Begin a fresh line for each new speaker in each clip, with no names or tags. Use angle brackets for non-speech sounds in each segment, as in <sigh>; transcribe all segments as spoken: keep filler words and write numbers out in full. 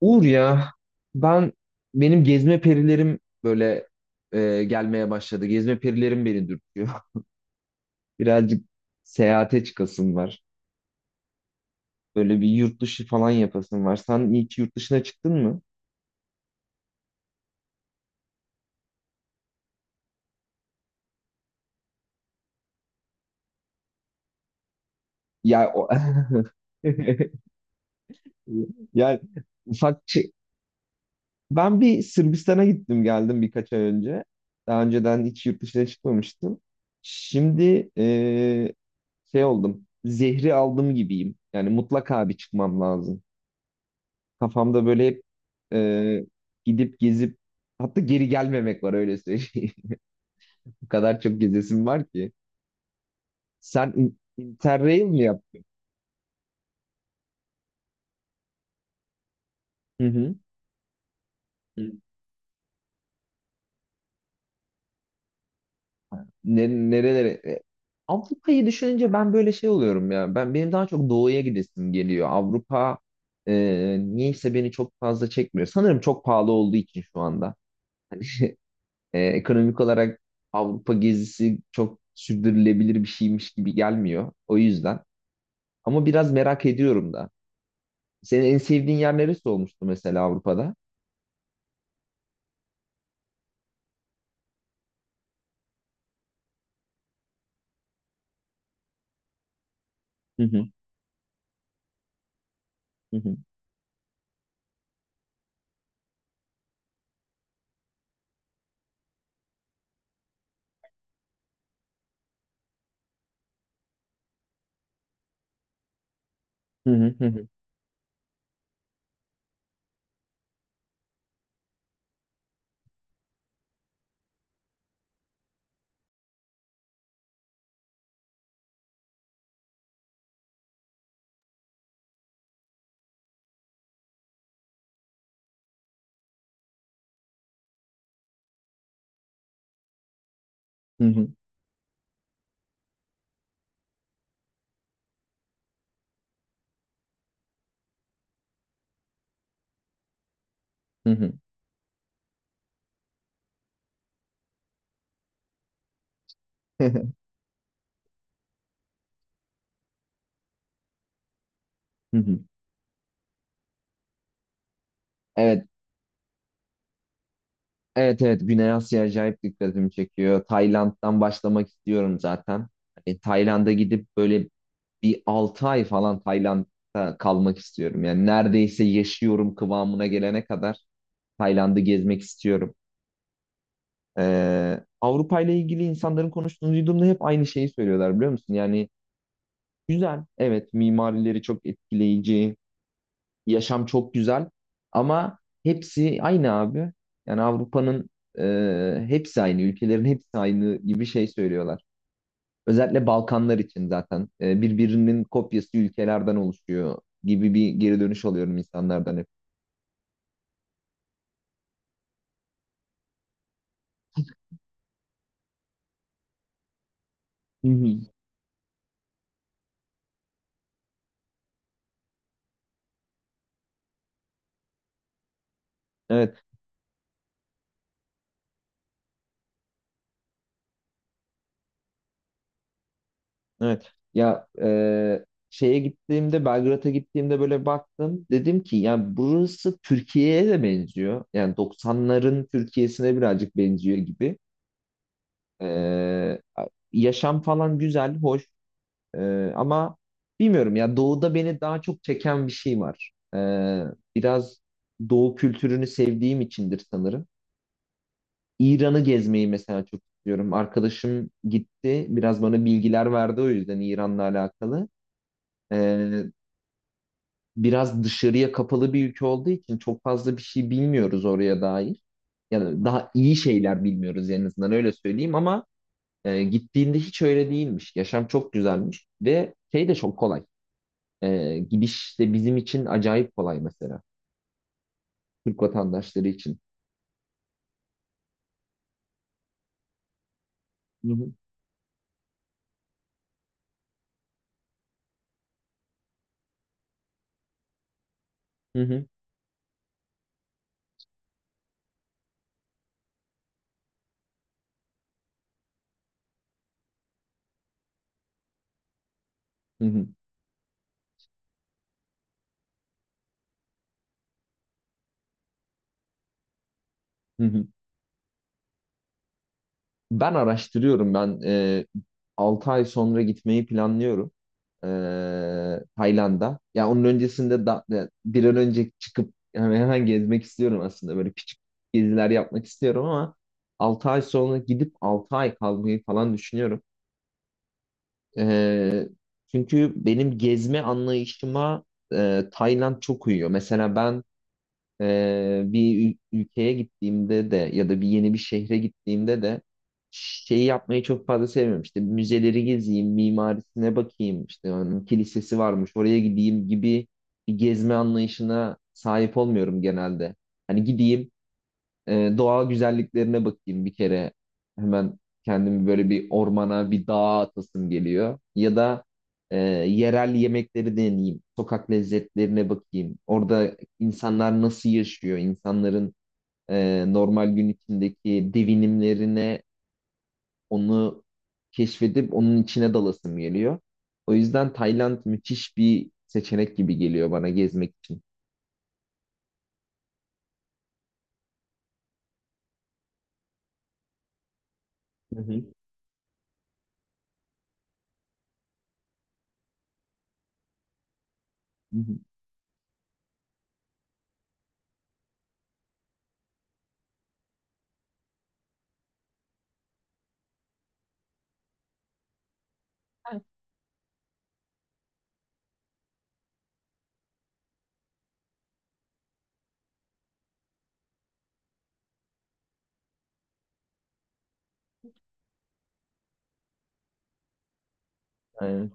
Uğur ya ben benim gezme perilerim böyle e, gelmeye başladı. Gezme perilerim beni dürtüyor. <laughs> Birazcık seyahate çıkasım var. Böyle bir yurt dışı falan yapasım var. Sen hiç yurt dışına çıktın mı? Ya o... <laughs> yani ufak çe- ben bir Sırbistan'a gittim geldim birkaç ay önce. Daha önceden hiç yurt dışına çıkmamıştım. Şimdi e, şey oldum. Zehri aldım gibiyim. Yani mutlaka bir çıkmam lazım. Kafamda böyle hep e, gidip gezip hatta geri gelmemek var, öyle söyleyeyim. <laughs> Bu kadar çok gezesim var ki. Sen in- Interrail mi yaptın? Hı hı. Hı. Ne, nerelere? E, Avrupa'yı düşününce ben böyle şey oluyorum ya. Ben benim daha çok doğuya gidesim geliyor. Avrupa e, niyeyse beni çok fazla çekmiyor. Sanırım çok pahalı olduğu için şu anda. E, ekonomik olarak Avrupa gezisi çok sürdürülebilir bir şeymiş gibi gelmiyor. O yüzden. Ama biraz merak ediyorum da. Senin en sevdiğin yer neresi olmuştu mesela Avrupa'da? Hı hı, hı hı, hı hı, hı hı, hı hı, hı hı, <laughs> hı hı. Evet, evet, evet. Güney Asya acayip dikkatimi çekiyor. Tayland'dan başlamak istiyorum zaten. Hani Tayland'a gidip böyle bir altı ay falan Tayland'da kalmak istiyorum. Yani neredeyse yaşıyorum kıvamına gelene kadar Tayland'ı gezmek istiyorum. Ee, Avrupa ile ilgili insanların konuştuğunu duyduğumda hep aynı şeyi söylüyorlar biliyor musun? Yani güzel, evet, mimarileri çok etkileyici, yaşam çok güzel, ama hepsi aynı abi. Yani Avrupa'nın e, hepsi aynı, ülkelerin hepsi aynı gibi şey söylüyorlar. Özellikle Balkanlar için zaten e, birbirinin kopyası ülkelerden oluşuyor gibi bir geri dönüş alıyorum insanlardan hep. Hı hı. Evet, evet. Ya e, şeye gittiğimde, Belgrad'a gittiğimde böyle baktım. Dedim ki yani burası Türkiye'ye de benziyor. Yani doksanların Türkiye'sine birazcık benziyor gibi. Ee, yaşam falan güzel, hoş. Ee, ama bilmiyorum ya, doğuda beni daha çok çeken bir şey var. Ee, biraz doğu kültürünü sevdiğim içindir sanırım. İran'ı gezmeyi mesela çok istiyorum. Arkadaşım gitti, biraz bana bilgiler verdi, o yüzden İran'la alakalı. Ee, biraz dışarıya kapalı bir ülke olduğu için çok fazla bir şey bilmiyoruz oraya dair. Yani daha iyi şeyler bilmiyoruz en azından, öyle söyleyeyim. Ama E, gittiğinde hiç öyle değilmiş. Yaşam çok güzelmiş ve şey de çok kolay. E, gidiş de bizim için acayip kolay mesela. Türk vatandaşları için. Hı hı, hı hı, hı hı, hı hı. Ben araştırıyorum. Ben e, altı ay sonra gitmeyi planlıyorum. E, Tayland'a. Ya onun öncesinde da, da bir an önce çıkıp yani hemen gezmek istiyorum aslında. Böyle küçük geziler yapmak istiyorum ama altı ay sonra gidip altı ay kalmayı falan düşünüyorum. Ee, çünkü benim gezme anlayışıma e, Tayland çok uyuyor. Mesela ben e, bir ül- ülkeye gittiğimde de ya da bir yeni bir şehre gittiğimde de şeyi yapmayı çok fazla sevmiyorum. İşte müzeleri gezeyim, mimarisine bakayım, işte onun kilisesi varmış, oraya gideyim gibi bir gezme anlayışına sahip olmuyorum genelde. Hani gideyim, e, doğal güzelliklerine bakayım bir kere. Hemen kendimi böyle bir ormana, bir dağa atasım geliyor. Ya da e, yerel yemekleri deneyeyim. Sokak lezzetlerine bakayım. Orada insanlar nasıl yaşıyor? İnsanların e, normal gün içindeki devinimlerine, onu keşfedip onun içine dalasım geliyor. O yüzden Tayland müthiş bir seçenek gibi geliyor bana gezmek için. Hı hı. Hı hı. Aynen.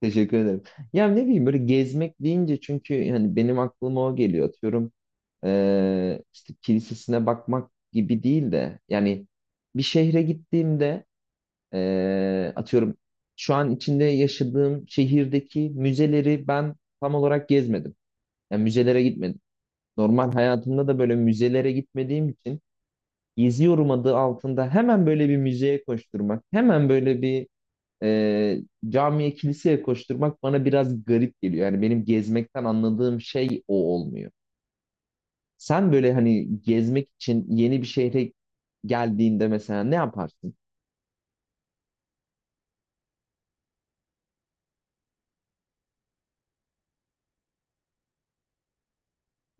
Teşekkür ederim. Ya ne bileyim, böyle gezmek deyince çünkü yani benim aklıma o geliyor. Atıyorum, eee, işte kilisesine bakmak gibi değil de, yani bir şehre gittiğimde eee, atıyorum şu an içinde yaşadığım şehirdeki müzeleri ben tam olarak gezmedim. Yani müzelere gitmedim. Normal hayatımda da böyle müzelere gitmediğim için geziyorum adı altında hemen böyle bir müzeye koşturmak, hemen böyle bir e, camiye kiliseye koşturmak bana biraz garip geliyor. Yani benim gezmekten anladığım şey o olmuyor. Sen böyle hani gezmek için yeni bir şehre geldiğinde mesela ne yaparsın?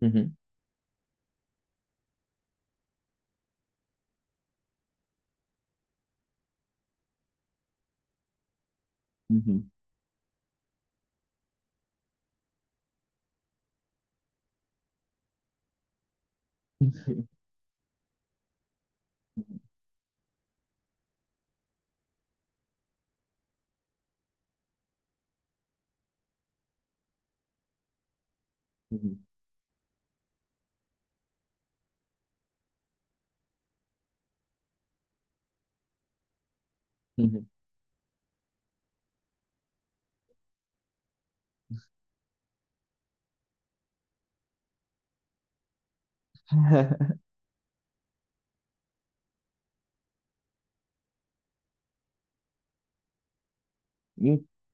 Hı hı, hı hı, hı hı, hı hı. <laughs>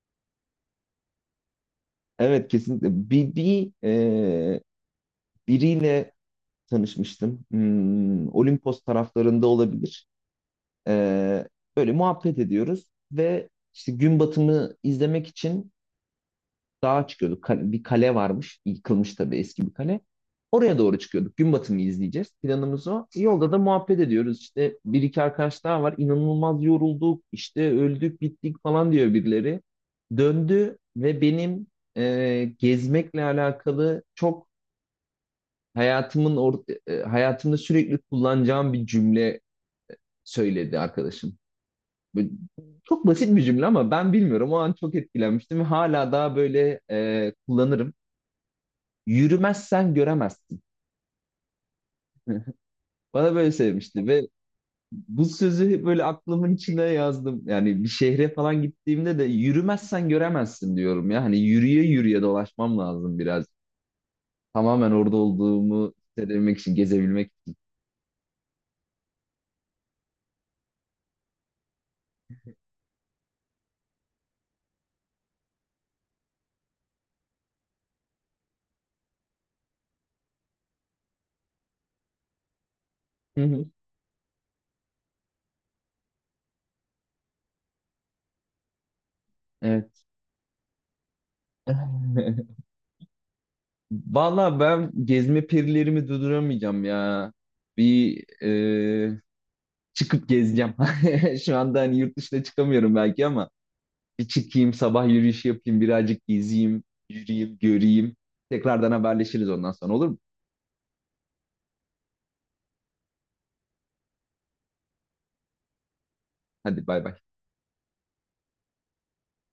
Evet, kesinlikle. Bir, bir e, biriyle tanışmıştım. Hmm, Olimpos taraflarında olabilir. E, böyle muhabbet ediyoruz ve işte gün batımı izlemek için dağa çıkıyorduk. Ka- Bir kale varmış. Yıkılmış tabii, eski bir kale. Oraya doğru çıkıyorduk. Gün batımı izleyeceğiz. Planımız o. Yolda da muhabbet ediyoruz. İşte bir iki arkadaş daha var. İnanılmaz yorulduk. İşte öldük bittik falan diyor birileri. Döndü ve benim e, gezmekle alakalı çok hayatımın or e, hayatımda sürekli kullanacağım bir cümle söyledi arkadaşım. Böyle çok basit bir cümle ama ben bilmiyorum. O an çok etkilenmiştim ve hala daha böyle e, kullanırım. Yürümezsen göremezsin. <laughs> Bana böyle söylemişti ve bu sözü böyle aklımın içine yazdım. Yani bir şehre falan gittiğimde de yürümezsen göremezsin diyorum ya. Hani yürüye yürüye dolaşmam lazım biraz. Tamamen orada olduğumu hissedebilmek için, gezebilmek için. Hı hı, evet. <laughs> Valla ben gezme perilerimi durduramayacağım ya. Bir e, çıkıp gezeceğim. <laughs> Şu anda hani yurt dışına çıkamıyorum belki ama bir çıkayım, sabah yürüyüş yapayım, birazcık gezeyim, yürüyeyim, göreyim. Tekrardan haberleşiriz ondan sonra, olur mu? Hadi bay bay.